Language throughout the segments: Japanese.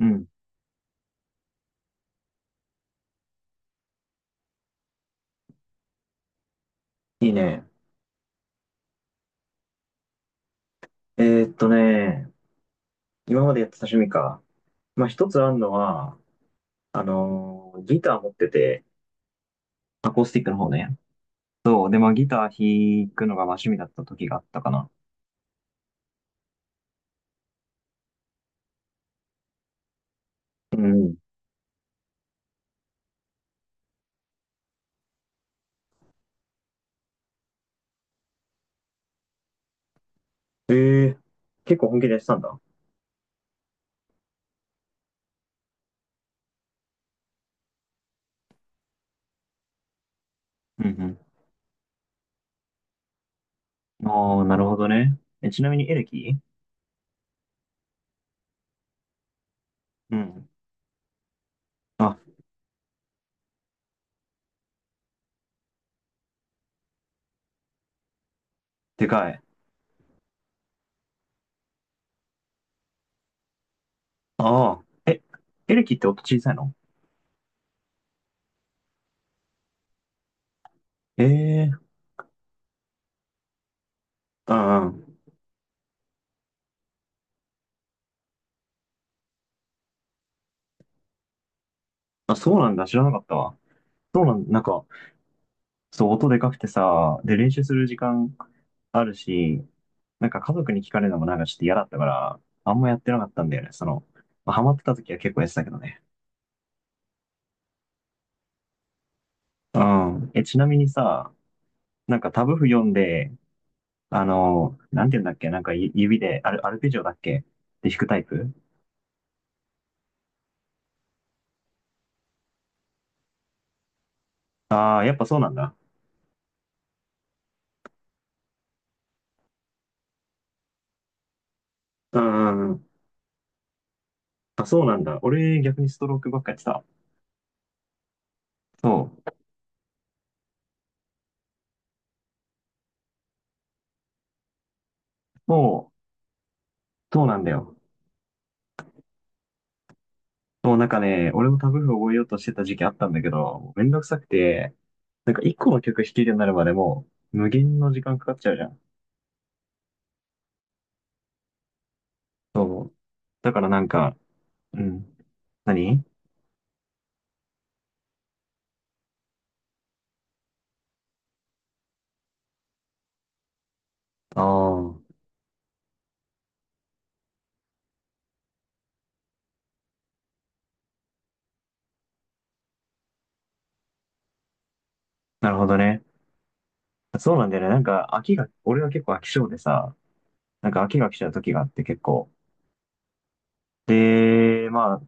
うん。いいね。えーっとね、今までやってた趣味か。まあ、一つあるのは、ギター持ってて、アコースティックの方ね。そう。で、まあ、ギター弾くのがまあ趣味だった時があったかな。うん。えー、結構本気でやってたんだ。うんうん。ああ、なるほどね。え、ちなみにエレキ。うん。あ、でかい。ああ。え、エレキって音小さいの？ええー。ああ、あ、そうなんだ。知らなかったわ。そうなん、なんか、そう、音でかくてさ、で、練習する時間あるし、なんか家族に聞かれるのもなんかちょっと嫌だったから、あんまやってなかったんだよね。その、まあハマってた時は結構やってたけどね。うん。え、ちなみにさ、なんかタブ譜読んで、なんて言うんだっけ、なんか指でアルペジオだっけで弾くタイプ？ああー、やっぱそうなんだ。うんうんうん。あ、そうなんだ。俺逆にストロークばっかやってた。そう。そう、そうなんだよ。もうなんかね、俺もタブ譜覚えようとしてた時期あったんだけど、もうめんどくさくて、なんか一個の曲弾けるようになるまでもう無限の時間かかっちゃうじゃん。そう。だからなんか、うん。何。ああー、なるほどね。そうなんだよね。なんか俺は結構飽き性でさ、なんか飽きが来ちゃう時があって結構。で、まあ、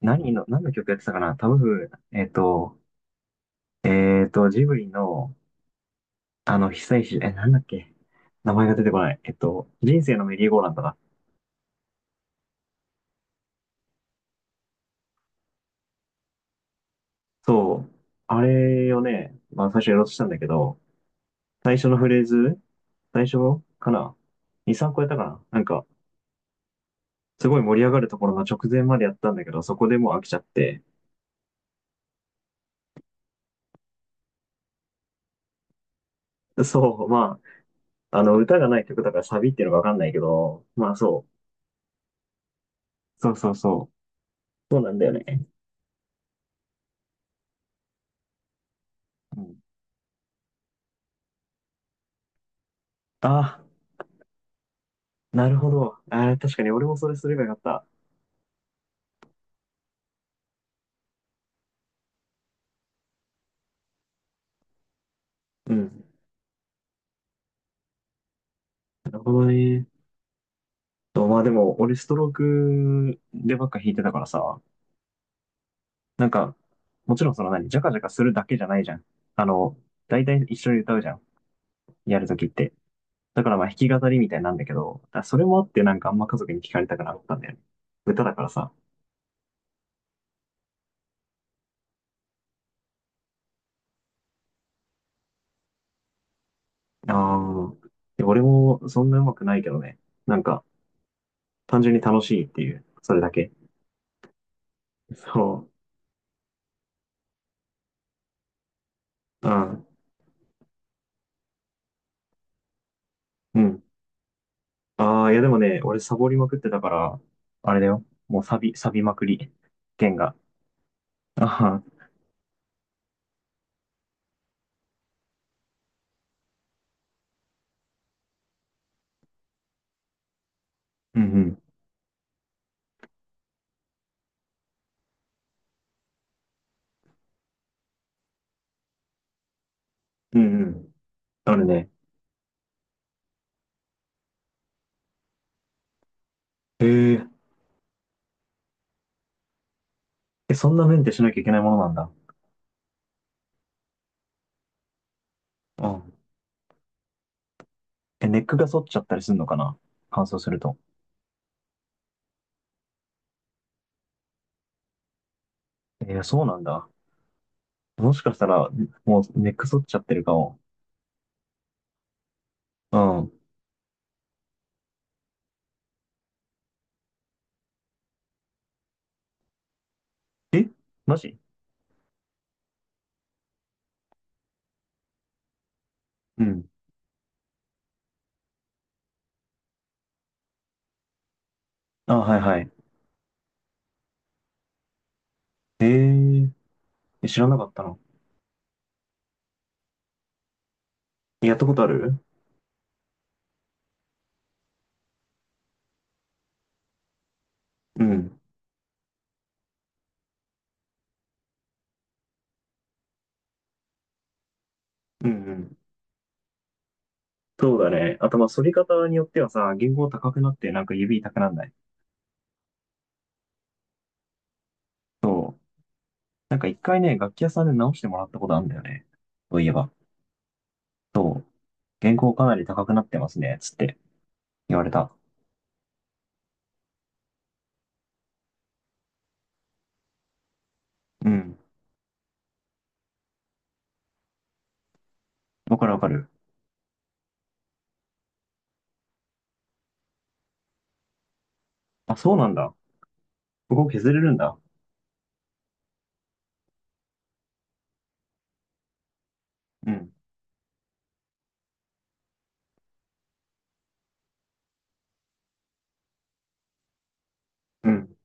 何の曲やってたかなタブ譜、ジブリの、久石、なんだっけ？名前が出てこない。人生のメリーゴーランドだ。そう。あれをね、まあ最初やろうとしたんだけど、最初のフレーズ、最初かな？ 2、3個やったかななんか、すごい盛り上がるところの直前までやったんだけど、そこでもう飽きちゃって。そう、まあ、歌がない曲だからサビっていうのがわかんないけど、まあそう。そうそうそう。そうなんだよね。うん、あなるほど。ああ、確かに俺もそれすればよかった。うん。なるほどね。とまあでも、俺ストロークでばっか弾いてたからさ、なんか、もちろんその何、ジャカジャカするだけじゃないじゃん。あの、大体一緒に歌うじゃん。やるときって。だからまあ弾き語りみたいなんだけど、だからそれもあってなんかあんま家族に聞かれたくなかったんだよね。歌だからさ。ああ、で俺もそんな上手くないけどね。なんか、単純に楽しいっていう、それだけ。そう。うん。うん。ああ、いやでもね、俺サボりまくってたから、あれだよ。もうサビ、サビまくり。弦が。あは。うんうん。うんうん。あるね。へえ。え、そんなメンテしなきゃいけないものなんだ。うん。え、ネックが反っちゃったりするのかな？乾燥すると。えーそうなんだ。もしかしたら、もうネック反っちゃってるかも。うん。えマジ？うん。あ、はいはい。えー、え知らなかったの？やったことある？うん。うんうん。そうだね。あと、まあ、反り方によってはさ、弦高高くなって、なんか指痛くなんない？そう。なんか一回ね、楽器屋さんで直してもらったことあるんだよね。そういえば。そう。原稿かなり高くなってますね、つって言われた。うん。わかるわかる。あ、そうなんだ。ここ削れるんだ。うん。うん。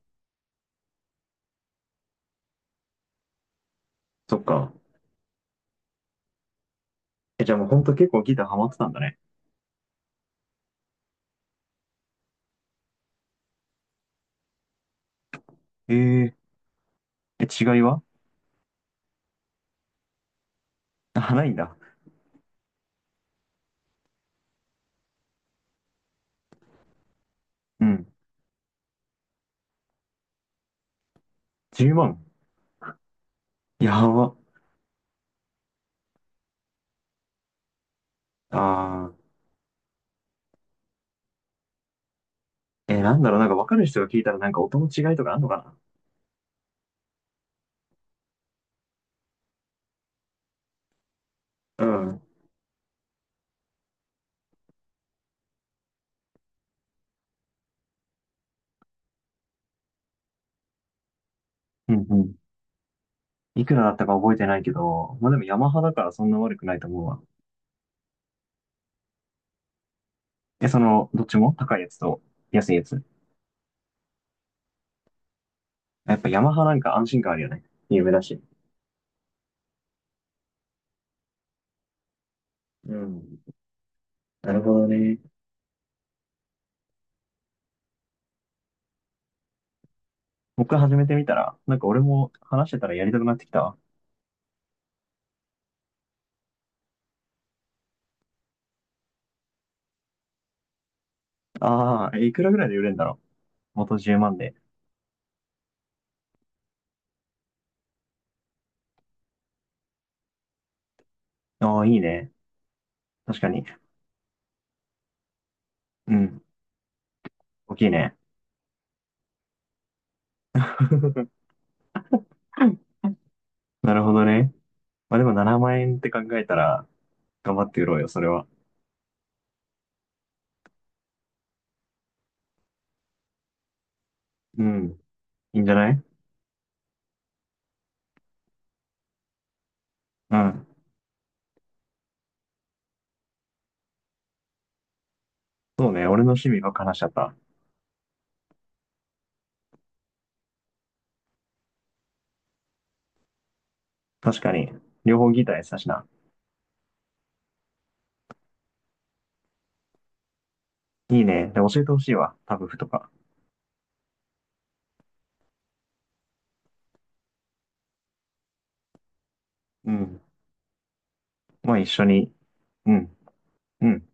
そっか。え、じゃあもうほんと結構ギターハマってたんだね。ええ。え、違いは？あ、ないんだ。うん。10万。やば。あー。え、なんだろう、なんかわかる人が聞いたらなんか音の違いとかあんのかな？うん。うんうん。いくらだったか覚えてないけど、まあでもヤマハだからそんな悪くないと思うわ。え、その、どっちも高いやつと安いやつ？やっぱヤマハなんか安心感あるよね。有名だし。うん。なるほどね。僕始めてみたら、なんか俺も話してたらやりたくなってきたわ。ああ、いくらぐらいで売れるんだろう。元10万で。ああ、いいね。確かに。うん。大きいね。なるほどね。まあでも7万円って考えたら、頑張って売ろうよ、それは。うん。いいんじゃない？うん。そうね。俺の趣味ばっか話しちゃった。確かに。両方ギターやってたしな。いいね。で、教えてほしいわ。タブ譜とか。うん。まあ一緒に。うん。うん。